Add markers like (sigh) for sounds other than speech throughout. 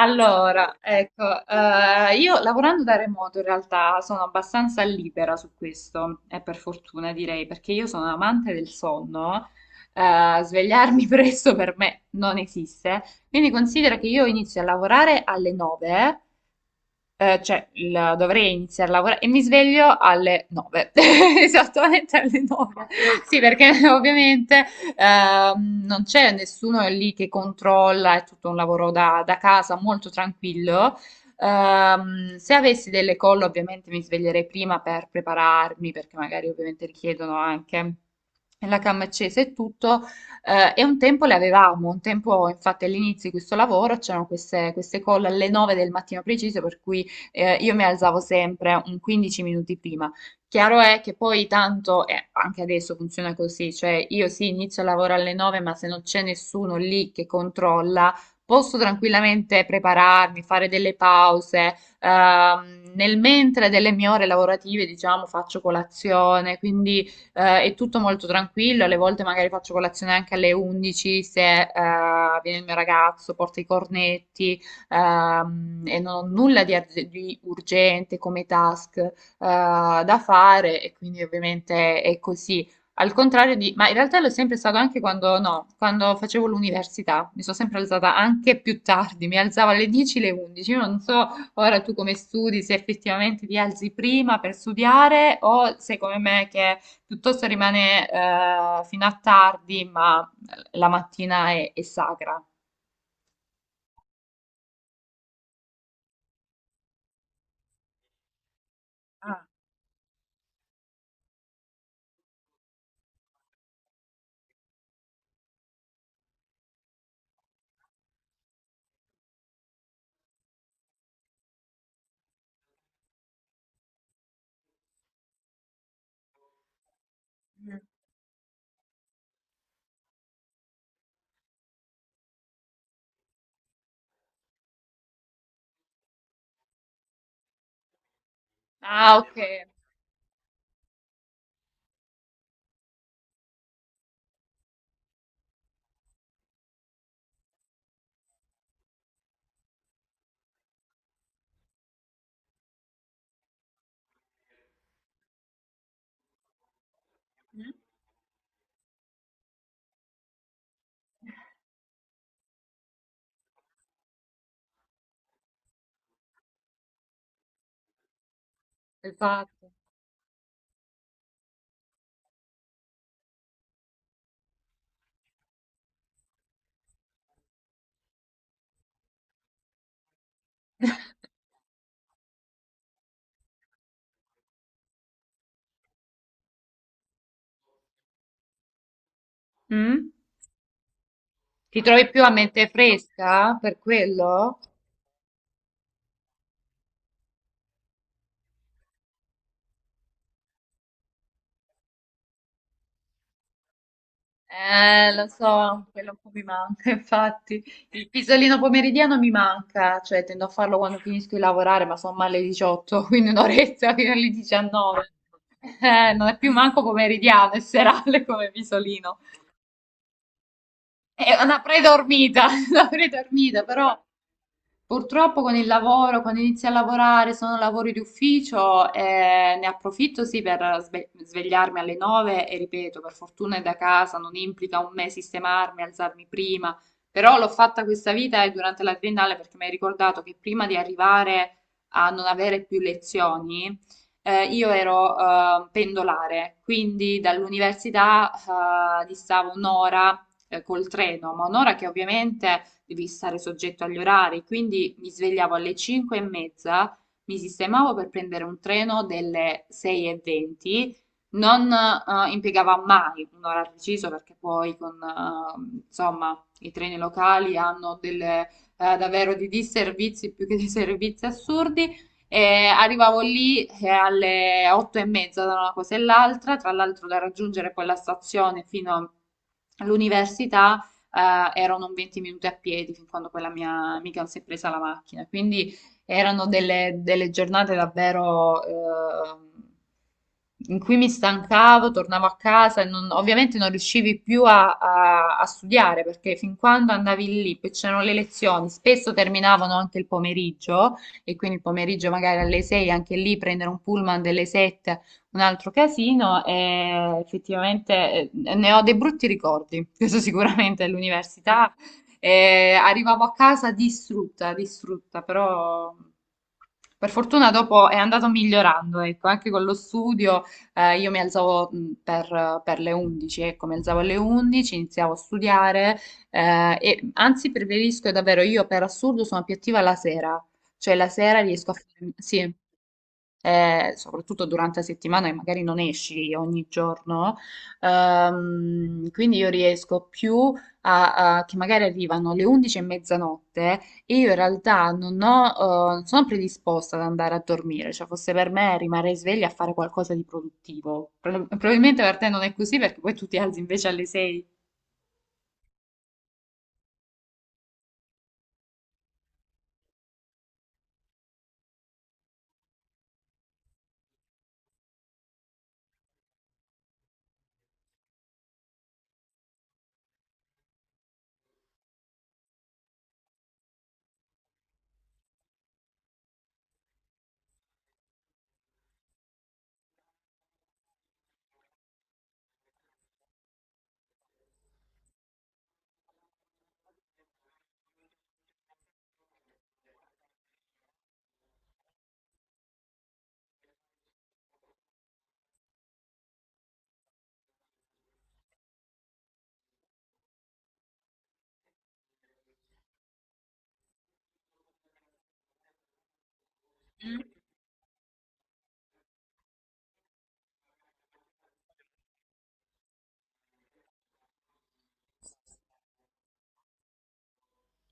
Allora, ecco, io lavorando da remoto in realtà sono abbastanza libera su questo, e per fortuna direi, perché io sono amante del sonno, svegliarmi (laughs) presto per me non esiste, quindi considera che io inizio a lavorare alle 9. Cioè, dovrei iniziare a lavorare e mi sveglio alle 9, (laughs) esattamente alle 9. Sì, perché (laughs) ovviamente non c'è nessuno lì che controlla, è tutto un lavoro da casa molto tranquillo. Se avessi delle call, ovviamente mi sveglierei prima per prepararmi, perché magari ovviamente richiedono anche la cam accesa e tutto. E un tempo le avevamo, un tempo infatti all'inizio di questo lavoro c'erano queste call alle 9 del mattino preciso, per cui io mi alzavo sempre un 15 minuti prima. Chiaro è che poi tanto, anche adesso funziona così, cioè io sì inizio il lavoro alle 9, ma se non c'è nessuno lì che controlla, posso tranquillamente prepararmi, fare delle pause, nel mentre delle mie ore lavorative, diciamo, faccio colazione, quindi è tutto molto tranquillo, alle volte magari faccio colazione anche alle 11 se viene il mio ragazzo, porta i cornetti, e non ho nulla di urgente come task da fare e quindi ovviamente è così. Ma in realtà l'ho sempre stato anche quando, no, quando facevo l'università, mi sono sempre alzata anche più tardi, mi alzavo alle 10, alle 11, io non so ora tu come studi, se effettivamente ti alzi prima per studiare o se come me che piuttosto rimane fino a tardi, ma la mattina è sacra. Ah. Ah, vedi, ok. Ma. Esatto. Mm? Ti trovi più a mente fresca per quello? Lo so, quello un po' mi manca, (laughs) infatti. Il pisolino pomeridiano mi manca, cioè tendo a farlo quando finisco di lavorare, ma sono alle 18, (laughs) quindi un'oretta fino alle 19. Non è più manco pomeridiano, è serale come pisolino. È una predormita, (laughs) una predormita, però. Purtroppo con il lavoro, quando inizio a lavorare, sono lavori di ufficio, ne approfitto sì per svegliarmi alle 9 e ripeto, per fortuna è da casa, non implica un me sistemarmi, alzarmi prima, però l'ho fatta questa vita e durante la triennale perché mi hai ricordato che prima di arrivare a non avere più lezioni, io ero pendolare, quindi dall'università distavo un'ora col treno, ma un'ora che ovviamente devi stare soggetto agli orari, quindi mi svegliavo alle 5 e mezza, mi sistemavo per prendere un treno delle 6 e 20, non impiegava mai un'ora precisa perché poi insomma, i treni locali hanno delle, davvero di disservizi più che dei (laughs) servizi assurdi e arrivavo lì alle 8 e mezza da una cosa e l'altra, tra l'altro da raggiungere quella stazione fino all'università erano un 20 minuti a piedi, fin quando quella mia amica non si è presa la macchina. Quindi erano delle giornate davvero in cui mi stancavo, tornavo a casa e ovviamente non riuscivi più a studiare perché fin quando andavi lì, poi c'erano le lezioni, spesso terminavano anche il pomeriggio e quindi il pomeriggio magari alle 6, anche lì prendere un pullman delle 7, un altro casino, e effettivamente ne ho dei brutti ricordi, (laughs) questo sicuramente all'università. E arrivavo a casa distrutta, distrutta, però per fortuna dopo è andato migliorando, ecco, anche con lo studio, io mi alzavo per le 11, ecco, mi alzavo alle 11, iniziavo a studiare, e anzi preferisco davvero, io per assurdo sono più attiva la sera, cioè la sera riesco a fare. Sì. Soprattutto durante la settimana che magari non esci ogni giorno, quindi io riesco più che magari arrivano le 11 e mezzanotte e io in realtà non ho, non sono predisposta ad andare a dormire, cioè fosse per me rimanere sveglia a fare qualcosa di produttivo. Probabilmente per te non è così perché poi tu ti alzi invece alle 6.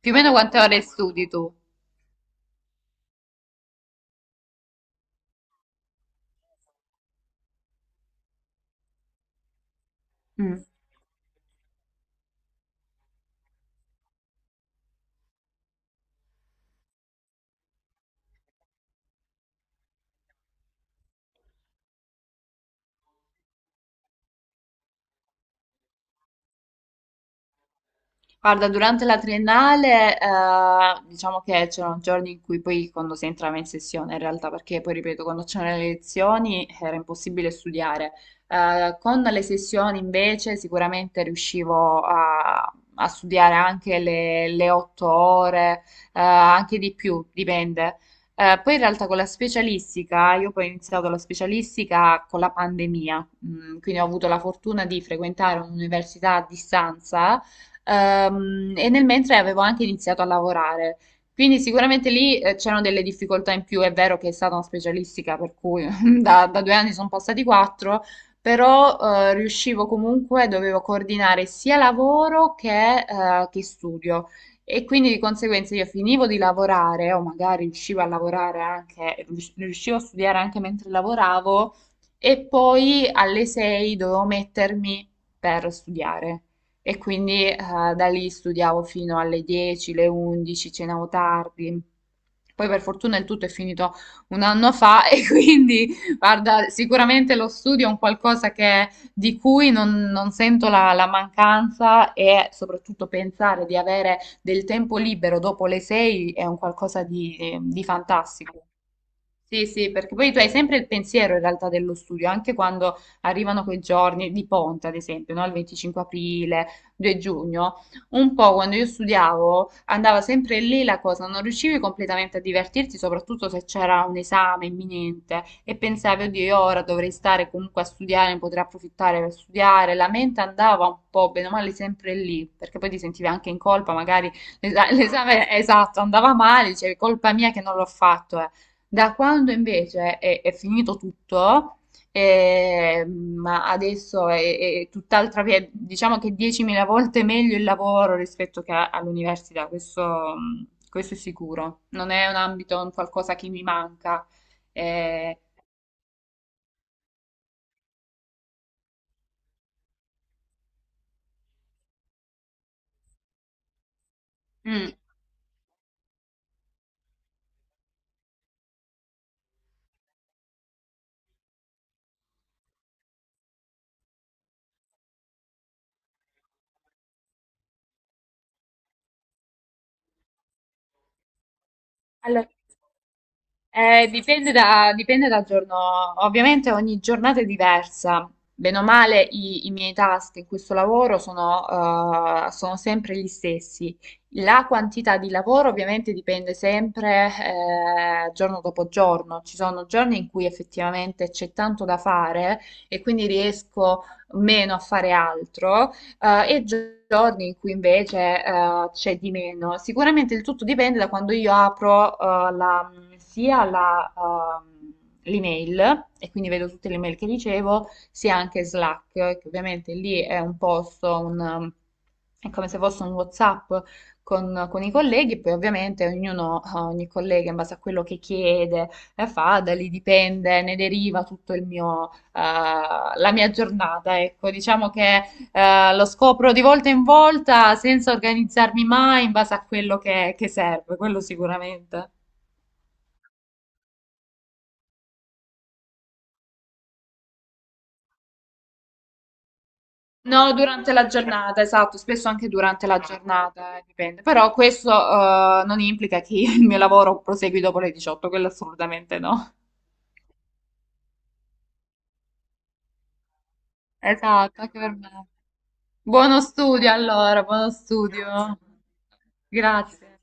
Più o meno quante ore studi tu? Mm. Guarda, durante la triennale, diciamo che c'erano giorni in cui poi quando si entrava in sessione, in realtà, perché poi ripeto, quando c'erano le lezioni era impossibile studiare. Con le sessioni invece sicuramente riuscivo a studiare anche le 8 ore, anche di più, dipende. Poi in realtà con la specialistica, io poi ho iniziato la specialistica con la pandemia, quindi ho avuto la fortuna di frequentare un'università a distanza. E nel mentre avevo anche iniziato a lavorare. Quindi sicuramente lì c'erano delle difficoltà in più, è vero che è stata una specialistica, per cui (laughs) da 2 anni sono passati quattro, però riuscivo comunque, dovevo coordinare sia lavoro che studio. E quindi di conseguenza io finivo di lavorare, o magari riuscivo a lavorare anche, riuscivo a studiare anche mentre lavoravo, e poi alle 6 dovevo mettermi per studiare. E quindi da lì studiavo fino alle 10, le 11, cenavo tardi. Poi per fortuna il tutto è finito un anno fa (laughs) e quindi, guarda, sicuramente lo studio è un qualcosa di cui non sento la mancanza e soprattutto pensare di avere del tempo libero dopo le 6 è un qualcosa di fantastico. Sì, sì, perché poi tu hai sempre il pensiero in realtà dello studio, anche quando arrivano quei giorni di ponte, ad esempio, no? Il 25 aprile, 2 giugno, un po' quando io studiavo andava sempre lì la cosa, non riuscivi completamente a divertirti, soprattutto se c'era un esame imminente e pensavi, oddio, io ora dovrei stare comunque a studiare, ne potrei approfittare per studiare, la mente andava un po' bene o male sempre lì, perché poi ti sentivi anche in colpa, magari l'esame (laughs) esatto andava male, dicevi colpa mia che non l'ho fatto. Da quando invece è finito tutto, ma adesso è tutt'altra via, diciamo che 10.000 volte meglio il lavoro rispetto che all'università, questo, mm, questo è sicuro. Non è un ambito, un qualcosa che mi manca. Eh, mm. Allora, dipende dal giorno, ovviamente ogni giornata è diversa. Bene o male, i miei task in questo lavoro sono sempre gli stessi. La quantità di lavoro ovviamente dipende sempre, giorno dopo giorno. Ci sono giorni in cui effettivamente c'è tanto da fare e quindi riesco meno a fare altro, e giorni in cui invece c'è di meno. Sicuramente il tutto dipende da quando io apro sia l'email, e quindi vedo tutte le mail che ricevo, sia anche Slack, che ovviamente lì è un posto, è come se fosse un WhatsApp con i colleghi, poi ovviamente ogni collega in base a quello che chiede e fa, da lì dipende, ne deriva tutto la mia giornata. Ecco, diciamo che lo scopro di volta in volta senza organizzarmi mai in base a quello che serve, quello sicuramente. No, durante la giornata, esatto, spesso anche durante la giornata, dipende. Però questo, non implica che il mio lavoro prosegui dopo le 18, quello assolutamente no. Esatto, anche per me. Buono studio allora, buono studio. Grazie.